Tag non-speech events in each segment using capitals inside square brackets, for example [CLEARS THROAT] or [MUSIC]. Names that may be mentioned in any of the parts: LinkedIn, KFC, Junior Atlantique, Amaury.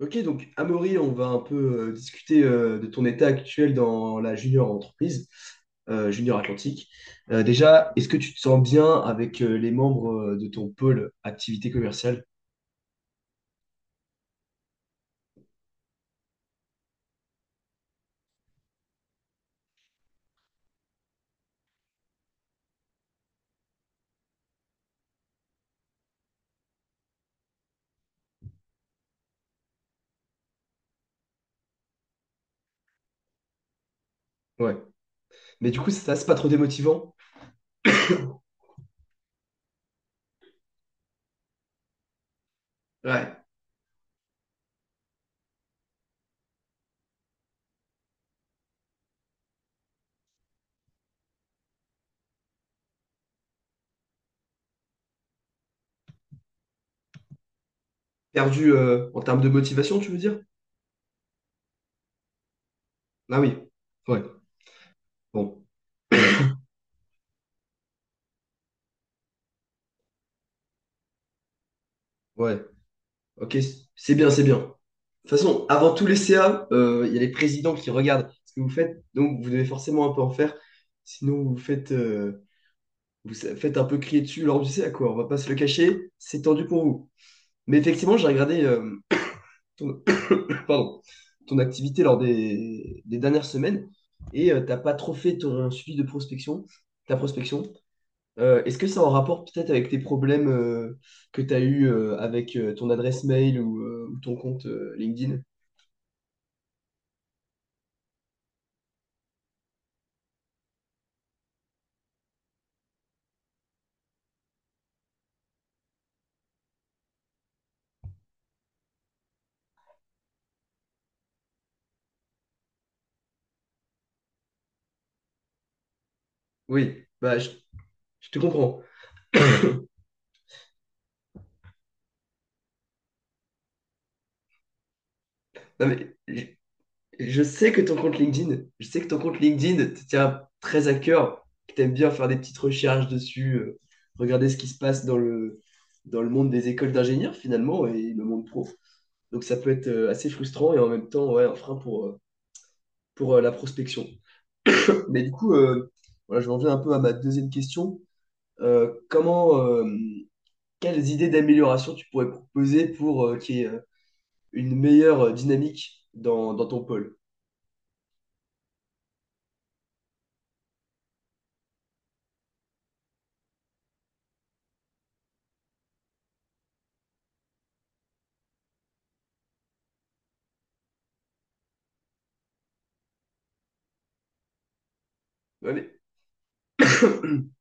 Ok, donc Amaury, on va un peu discuter de ton état actuel dans la junior entreprise, junior Atlantique. Déjà, est-ce que tu te sens bien avec les membres de ton pôle activité commerciale? Ouais. Mais du coup, ça, c'est pas trop démotivant? Ouais. Perdu en termes de motivation, tu veux dire? Ah oui. Ouais. Bon. Ouais, ok, c'est bien, c'est bien. De toute façon, avant tous les CA, il y a les présidents qui regardent ce que vous faites, donc vous devez forcément un peu en faire. Sinon, vous faites, faites un peu crier dessus lors du CA, quoi. On va pas se le cacher, c'est tendu pour vous. Mais effectivement, j'ai regardé ton, [COUGHS] pardon, ton activité lors des dernières semaines et t'as pas trop fait ton suivi de prospection, ta prospection. Est-ce que c'est en rapport peut-être avec tes problèmes que tu as eu avec ton adresse mail ou ton compte LinkedIn? Oui, je te comprends. Non, je sais que ton compte LinkedIn, je sais que ton compte LinkedIn te tient très à cœur, que tu aimes bien faire des petites recherches dessus, regarder ce qui se passe dans le monde des écoles d'ingénieurs finalement et le monde pro. Donc ça peut être assez frustrant et en même temps ouais, un frein pour la prospection. Mais du coup, voilà, je reviens un peu à ma deuxième question. Comment, quelles idées d'amélioration tu pourrais proposer pour qu'il y ait une meilleure dynamique dans, dans ton pôle? Ouais, mais- [COUGHS] [CLEARS THROAT]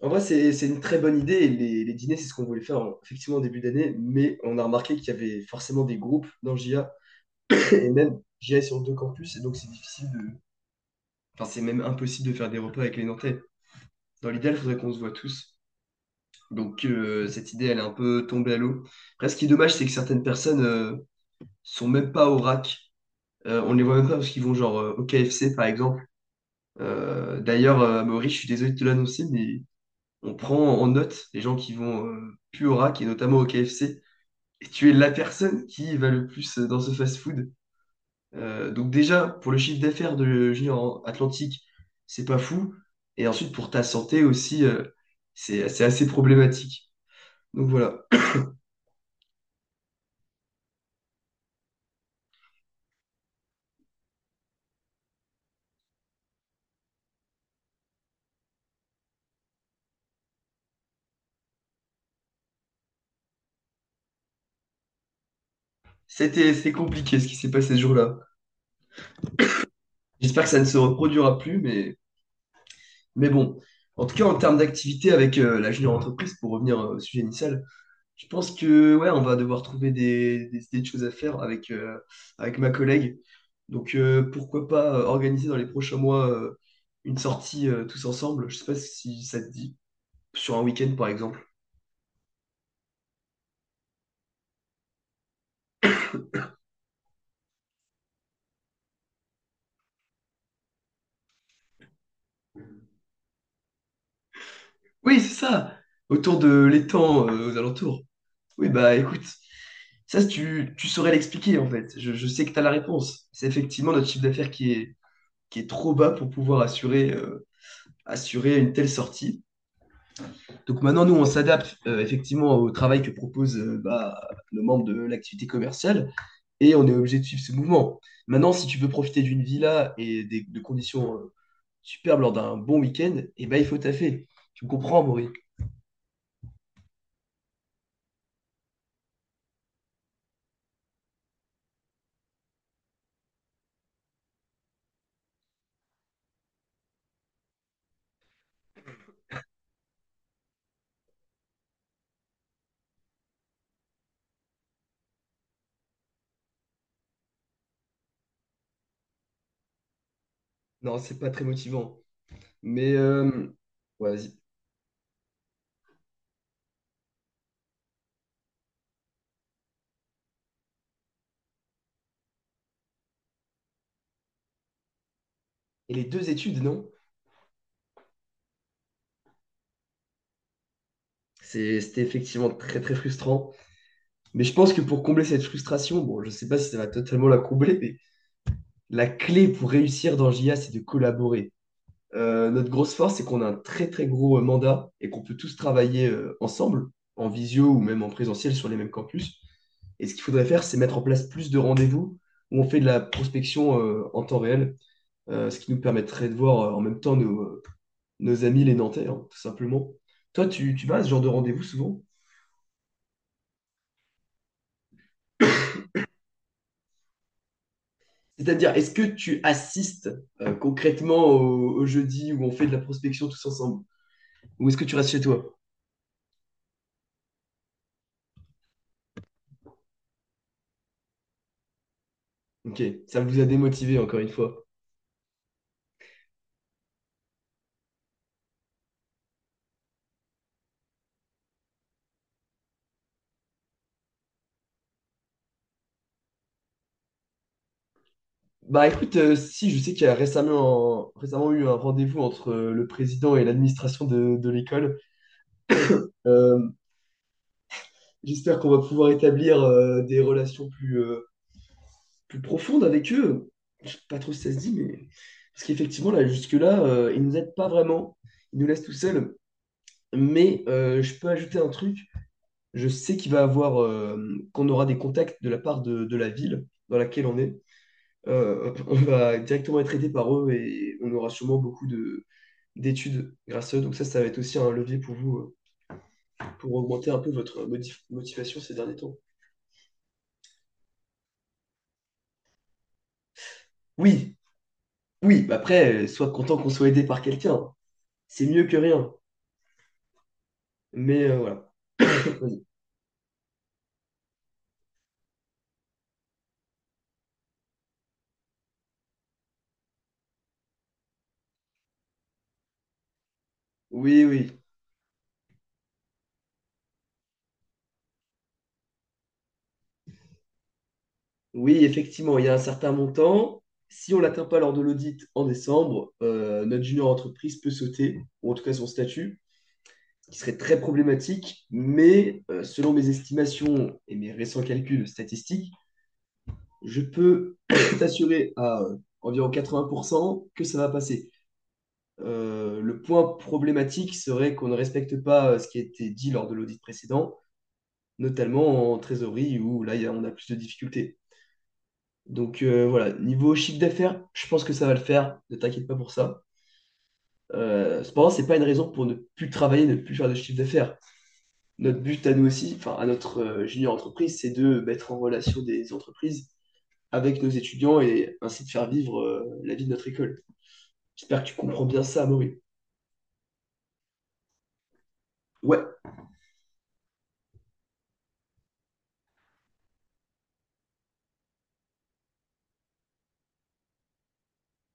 En vrai, c'est une très bonne idée. Les dîners, c'est ce qu'on voulait faire effectivement en début d'année, mais on a remarqué qu'il y avait forcément des groupes dans JA, [COUGHS] [LAUGHS] et même JA est sur deux campus, et donc c'est difficile de... Enfin, c'est même impossible de faire des repas avec les Nantais. Dans l'idéal, il faudrait qu'on se voit tous. Donc cette idée, elle est un peu tombée à l'eau. Après, ce qui est dommage, c'est que certaines personnes sont même pas au rack. On les voit même pas parce qu'ils vont genre au KFC par exemple. D'ailleurs, Amaury, je suis désolé de te l'annoncer, mais on prend en note les gens qui vont plus au rack et notamment au KFC. Et tu es la personne qui va le plus dans ce fast-food. Donc déjà, pour le chiffre d'affaires de Junior Atlantique, c'est pas fou. Et ensuite, pour ta santé aussi, c'est assez problématique. Donc voilà, c'était compliqué ce qui s'est passé ce jour-là. J'espère que ça ne se reproduira plus, mais bon, en tout cas, en termes d'activité avec la junior entreprise, pour revenir au sujet initial, je pense que ouais, on va devoir trouver des idées de choses à faire avec, avec ma collègue. Donc pourquoi pas organiser dans les prochains mois une sortie tous ensemble, je sais pas si ça te dit, sur un week-end par exemple. Oui, c'est ça, autour de l'étang aux alentours. Oui, bah écoute, ça si tu, tu saurais l'expliquer en fait. Je sais que tu as la réponse. C'est effectivement notre chiffre d'affaires qui est trop bas pour pouvoir assurer. Assurer une telle sortie. Donc maintenant, nous, on s'adapte effectivement au travail que propose bah, nos membres de l'activité commerciale et on est obligé de suivre ce mouvement. Maintenant, si tu veux profiter d'une villa et des, de conditions superbes lors d'un bon week-end, eh ben, il faut taffer. Tu me comprends, Maury? Non, c'est pas très motivant. Mais ouais, vas-y. Et les deux études, non? C'était effectivement très très frustrant. Mais je pense que pour combler cette frustration, bon, je sais pas si ça va totalement la combler, mais la clé pour réussir dans JA, c'est de collaborer. Notre grosse force, c'est qu'on a un très très gros mandat et qu'on peut tous travailler ensemble, en visio ou même en présentiel sur les mêmes campus. Et ce qu'il faudrait faire, c'est mettre en place plus de rendez-vous où on fait de la prospection en temps réel, ce qui nous permettrait de voir en même temps nos, nos amis les Nantais, hein, tout simplement. Toi, tu vas à ce genre de rendez-vous souvent? C'est-à-dire, est-ce que tu assistes concrètement au, au jeudi où on fait de la prospection tous ensemble? Ou est-ce que tu restes chez toi? Ok, ça vous a démotivé encore une fois. Bah écoute, si, je sais qu'il y a récemment, récemment eu un rendez-vous entre le président et l'administration de l'école. Euh, j'espère qu'on va pouvoir établir des relations plus, plus profondes avec eux. Je sais pas trop si ça se dit, mais... Parce qu'effectivement, là, jusque-là, ils nous aident pas vraiment. Ils nous laissent tout seuls. Mais je peux ajouter un truc. Je sais qu'il va avoir, qu'on aura des contacts de la part de la ville dans laquelle on est. On va directement être aidé par eux et on aura sûrement beaucoup de d'études grâce à eux. Donc ça va être aussi un levier pour vous, pour augmenter un peu votre motivation ces derniers temps. Oui, oui, bah après, sois content qu'on soit aidé par quelqu'un. C'est mieux que rien. Mais voilà. Vas-y. Oui, oui. Oui, effectivement, il y a un certain montant. Si on ne l'atteint pas lors de l'audit en décembre, notre junior entreprise peut sauter, ou en tout cas son statut, qui serait très problématique. Mais selon mes estimations et mes récents calculs statistiques, je peux [COUGHS] t'assurer à environ 80% que ça va passer. Le point problématique serait qu'on ne respecte pas ce qui a été dit lors de l'audit précédent, notamment en trésorerie où là, on a plus de difficultés. Donc voilà, niveau chiffre d'affaires, je pense que ça va le faire, ne t'inquiète pas pour ça. Cependant, c'est pas une raison pour ne plus travailler, ne plus faire de chiffre d'affaires. Notre but à nous aussi, enfin à notre junior entreprise, c'est de mettre en relation des entreprises avec nos étudiants et ainsi de faire vivre la vie de notre école. J'espère que tu comprends bien ça, Amaury. Ouais,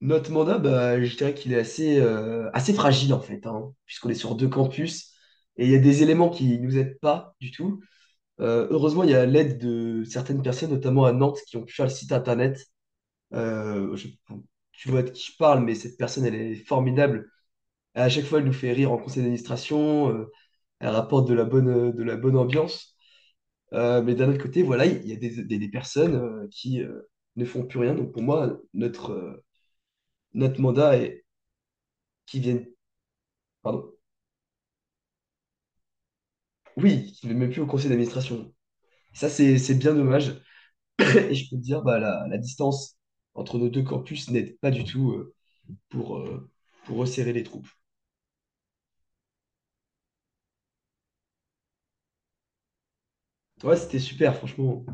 notre mandat, bah, je dirais qu'il est assez, assez fragile en fait, hein, puisqu'on est sur deux campus et il y a des éléments qui nous aident pas du tout. Heureusement, il y a l'aide de certaines personnes, notamment à Nantes, qui ont pu faire le site internet. Enfin, tu vois de qui je parle, mais cette personne, elle est formidable. À chaque fois, elle nous fait rire en conseil d'administration, elle rapporte de la bonne ambiance. Mais d'un autre côté, voilà, il y a des, des personnes qui ne font plus rien. Donc pour moi, notre, notre mandat et qui viennent, pardon, oui, qui ne viennent même plus au conseil d'administration. Ça, c'est bien dommage. [COUGHS] [LAUGHS] Et je peux te dire, bah, la distance entre nos deux campus n'aide pas du tout pour, euh, pour resserrer les troupes. Ouais, c'était super, franchement.